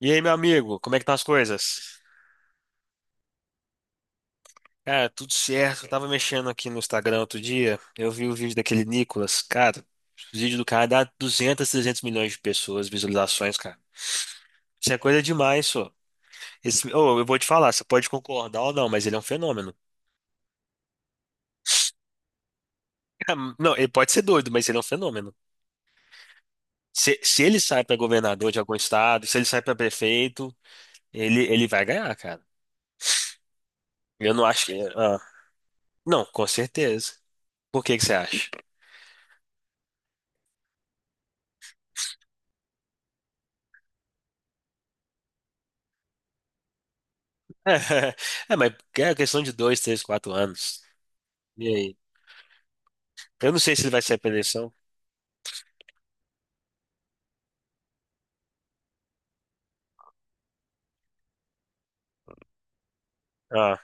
E aí, meu amigo, como é que estão as coisas? Cara, tudo certo. Eu tava mexendo aqui no Instagram outro dia, eu vi o vídeo daquele Nicolas. Cara, o vídeo do cara dá 200, 300 milhões de pessoas, visualizações, cara. Isso é coisa demais, só. Esse, oh, eu vou te falar, você pode concordar ou não, mas ele é um fenômeno. Cara, não, ele pode ser doido, mas ele é um fenômeno. Se ele sai pra governador de algum estado, se ele sai pra prefeito, ele vai ganhar, cara. Eu não acho que. Não, com certeza. Por que que você acha? É, mas é questão de dois, três, quatro anos. E aí? Eu não sei se ele vai sair pra eleição. Ah,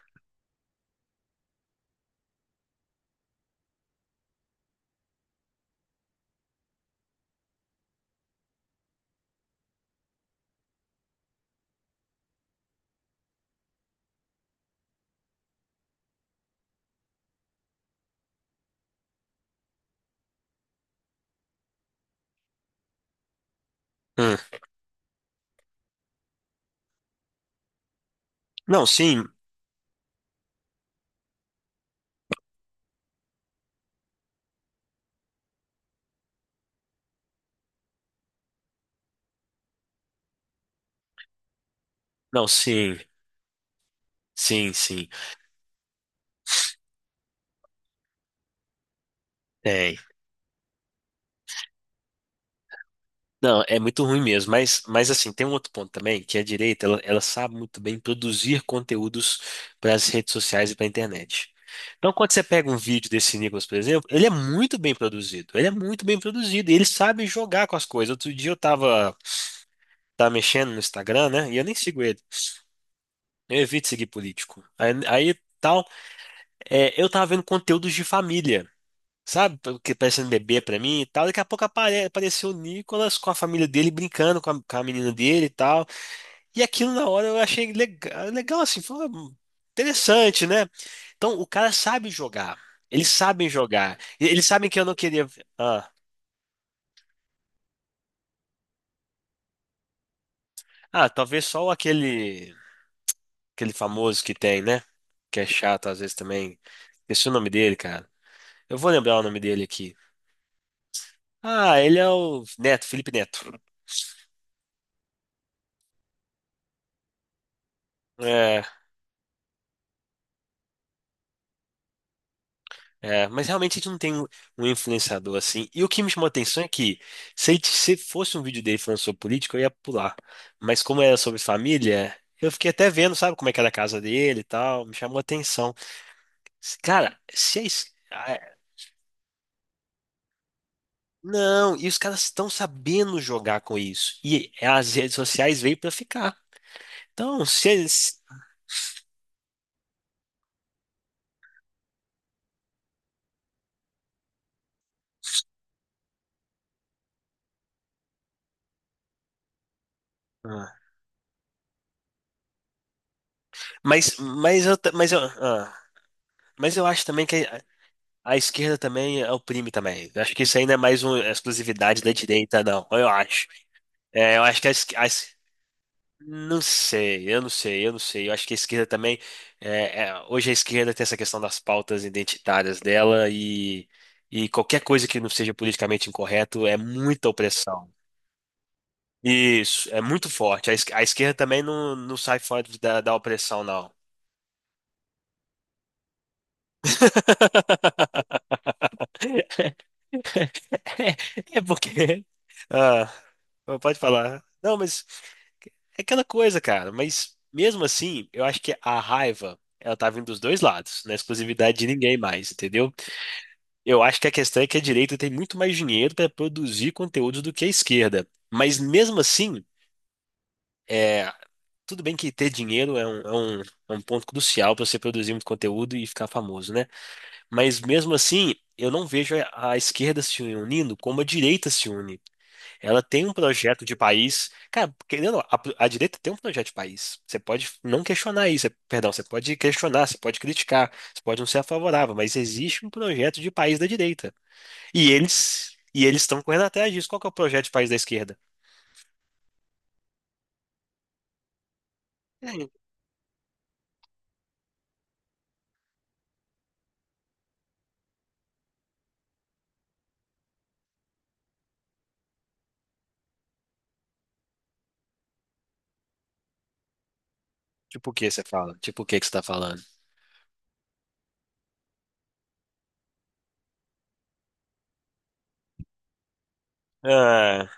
hum. Não, sim. Não, sim. Sim, sim. Tem. Não, é muito ruim mesmo. Mas assim, tem um outro ponto também, que a direita, ela sabe muito bem produzir conteúdos para as redes sociais e para a internet. Então, quando você pega um vídeo desse Nicolas, por exemplo, ele é muito bem produzido. Ele é muito bem produzido. E ele sabe jogar com as coisas. Outro dia tava mexendo no Instagram, né? E eu nem sigo ele. Eu evito seguir político. Tal, é, eu tava vendo conteúdos de família, sabe? O que parece um bebê pra mim e tal. Daqui a pouco apareceu o Nicolas com a família dele brincando com com a menina dele e tal. E aquilo na hora eu achei legal, legal assim, foi interessante, né? Então o cara sabe jogar. Eles sabem jogar. E eles sabem que eu não queria. Ah, ah, talvez só aquele famoso que tem, né? Que é chato às vezes também. Esqueci o nome dele, cara. Eu vou lembrar o nome dele aqui. Ah, ele é o Neto, Felipe Neto. É, é, mas realmente a gente não tem um influenciador assim. E o que me chamou a atenção é que se fosse um vídeo dele falando sobre política, eu ia pular. Mas como era sobre família, eu fiquei até vendo, sabe, como é que era a casa dele e tal. Me chamou a atenção. Cara, se é isso. ah, é- Não, e os caras estão sabendo jogar com isso. E as redes sociais veio pra ficar. Então, se eles. Ah, mas eu, ta- mas eu, ah, mas eu acho também que a esquerda também oprime também. Eu acho que isso ainda é mais uma exclusividade da direita, não. Eu acho. É, eu acho que não sei, eu não sei. Eu acho que a esquerda também. É, é, hoje a esquerda tem essa questão das pautas identitárias dela e qualquer coisa que não seja politicamente incorreto é muita opressão. Isso, é muito forte. A esquerda também não sai fora da opressão, não. É porque. Ah, pode falar. Não, mas é aquela coisa, cara. Mas mesmo assim, eu acho que a raiva, ela tá vindo dos dois lados, não é exclusividade de ninguém mais, entendeu? Eu acho que a questão é que a direita tem muito mais dinheiro para produzir conteúdo do que a esquerda. Mas mesmo assim, é, tudo bem que ter dinheiro é é um ponto crucial para você produzir muito conteúdo e ficar famoso, né? Mas mesmo assim, eu não vejo a esquerda se unindo como a direita se une. Ela tem um projeto de país. Cara, querendo, ou não, a direita tem um projeto de país. Você pode não questionar isso, é, perdão, você pode questionar, você pode criticar, você pode não ser favorável, mas existe um projeto de país da direita. E eles estão correndo atrás disso. Qual que é o projeto de país da esquerda? É, tipo o que você fala? Tipo o que que você está falando? Ah,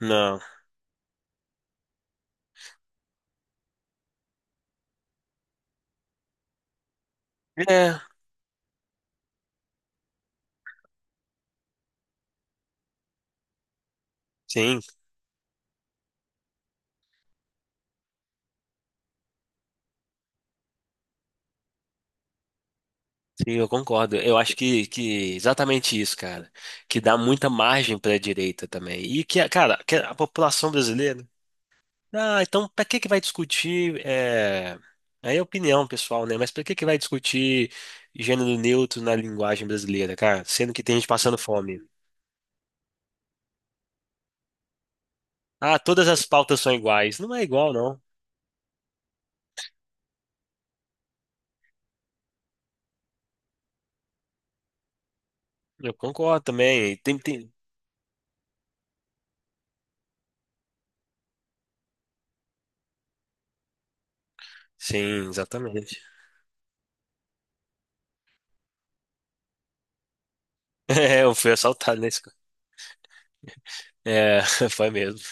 não. É, sim, sim, eu concordo. Eu acho que exatamente isso, cara. Que dá muita margem para a direita também. E que, cara, que a população brasileira. Ah, então para que que vai discutir? É... Aí é opinião pessoal, né? Mas para que que vai discutir gênero neutro na linguagem brasileira, cara? Sendo que tem gente passando fome. Ah, todas as pautas são iguais. Não é igual, não. Eu concordo também. Tem, tem... Sim, exatamente. É, eu fui assaltado nesse. É, foi mesmo.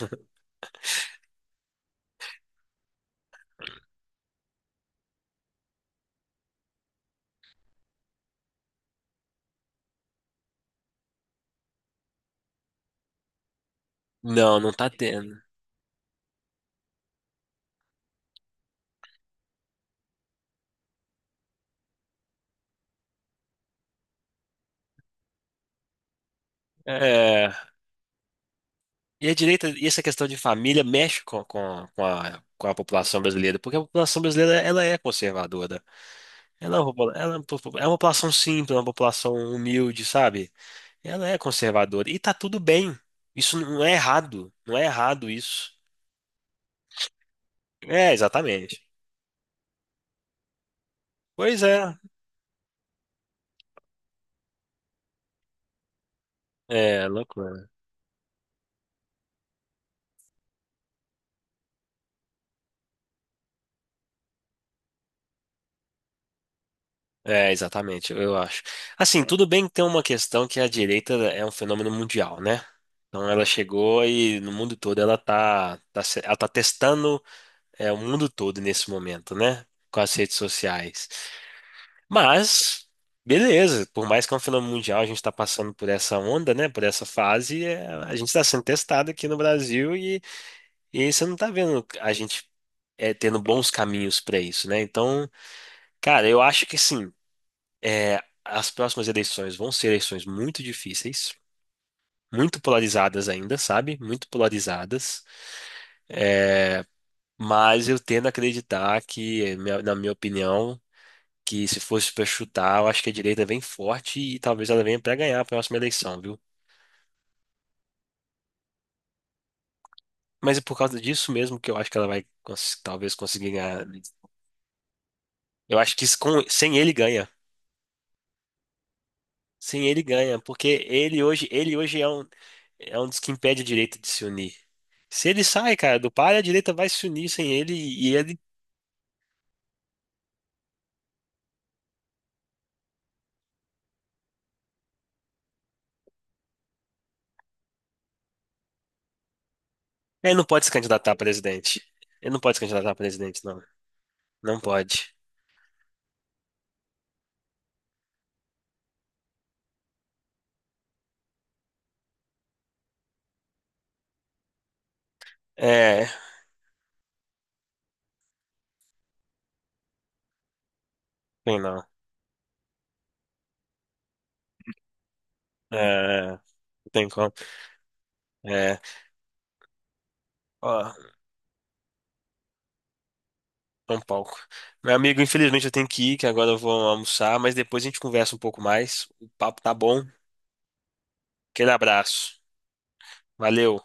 Não, não tá tendo. É, e a direita, e essa questão de família mexe com com a população brasileira, porque a população brasileira ela é conservadora. Ela é uma popula- ela é uma popu- é uma população simples, uma população humilde, sabe? Ela é conservadora. E tá tudo bem. Isso não é errado. Não é errado isso. É, exatamente. Pois é. É, loucura. É, exatamente, eu acho. Assim, tudo bem que tem uma questão que a direita é um fenômeno mundial, né? Então ela chegou e no mundo todo ela ela tá testando é, o mundo todo nesse momento, né? Com as redes sociais. Mas, beleza, por mais que é um fenômeno mundial, a gente está passando por essa onda, né? Por essa fase, é, a gente está sendo testado aqui no Brasil e aí você não está vendo a gente é, tendo bons caminhos para isso, né? Então, cara, eu acho que sim, é, as próximas eleições vão ser eleições muito difíceis, muito polarizadas ainda, sabe? Muito polarizadas, mas eu tendo a acreditar que, é, na minha opinião, que se fosse para chutar, eu acho que a direita vem forte e talvez ela venha para ganhar a próxima eleição, viu? Mas é por causa disso mesmo que eu acho que ela vai talvez conseguir ganhar. Eu acho que isso sem ele ganha. Sem ele ganha, porque ele hoje é um dos que impede a direita de se unir. Se ele sai, cara, do par, a direita vai se unir sem ele ele não pode se candidatar a presidente. Ele não pode se candidatar a presidente, não. Não pode. É, tem não. É, não tem como. É, ó. É um palco. Meu amigo, infelizmente eu tenho que ir, que agora eu vou almoçar, mas depois a gente conversa um pouco mais. O papo tá bom. Aquele abraço. Valeu.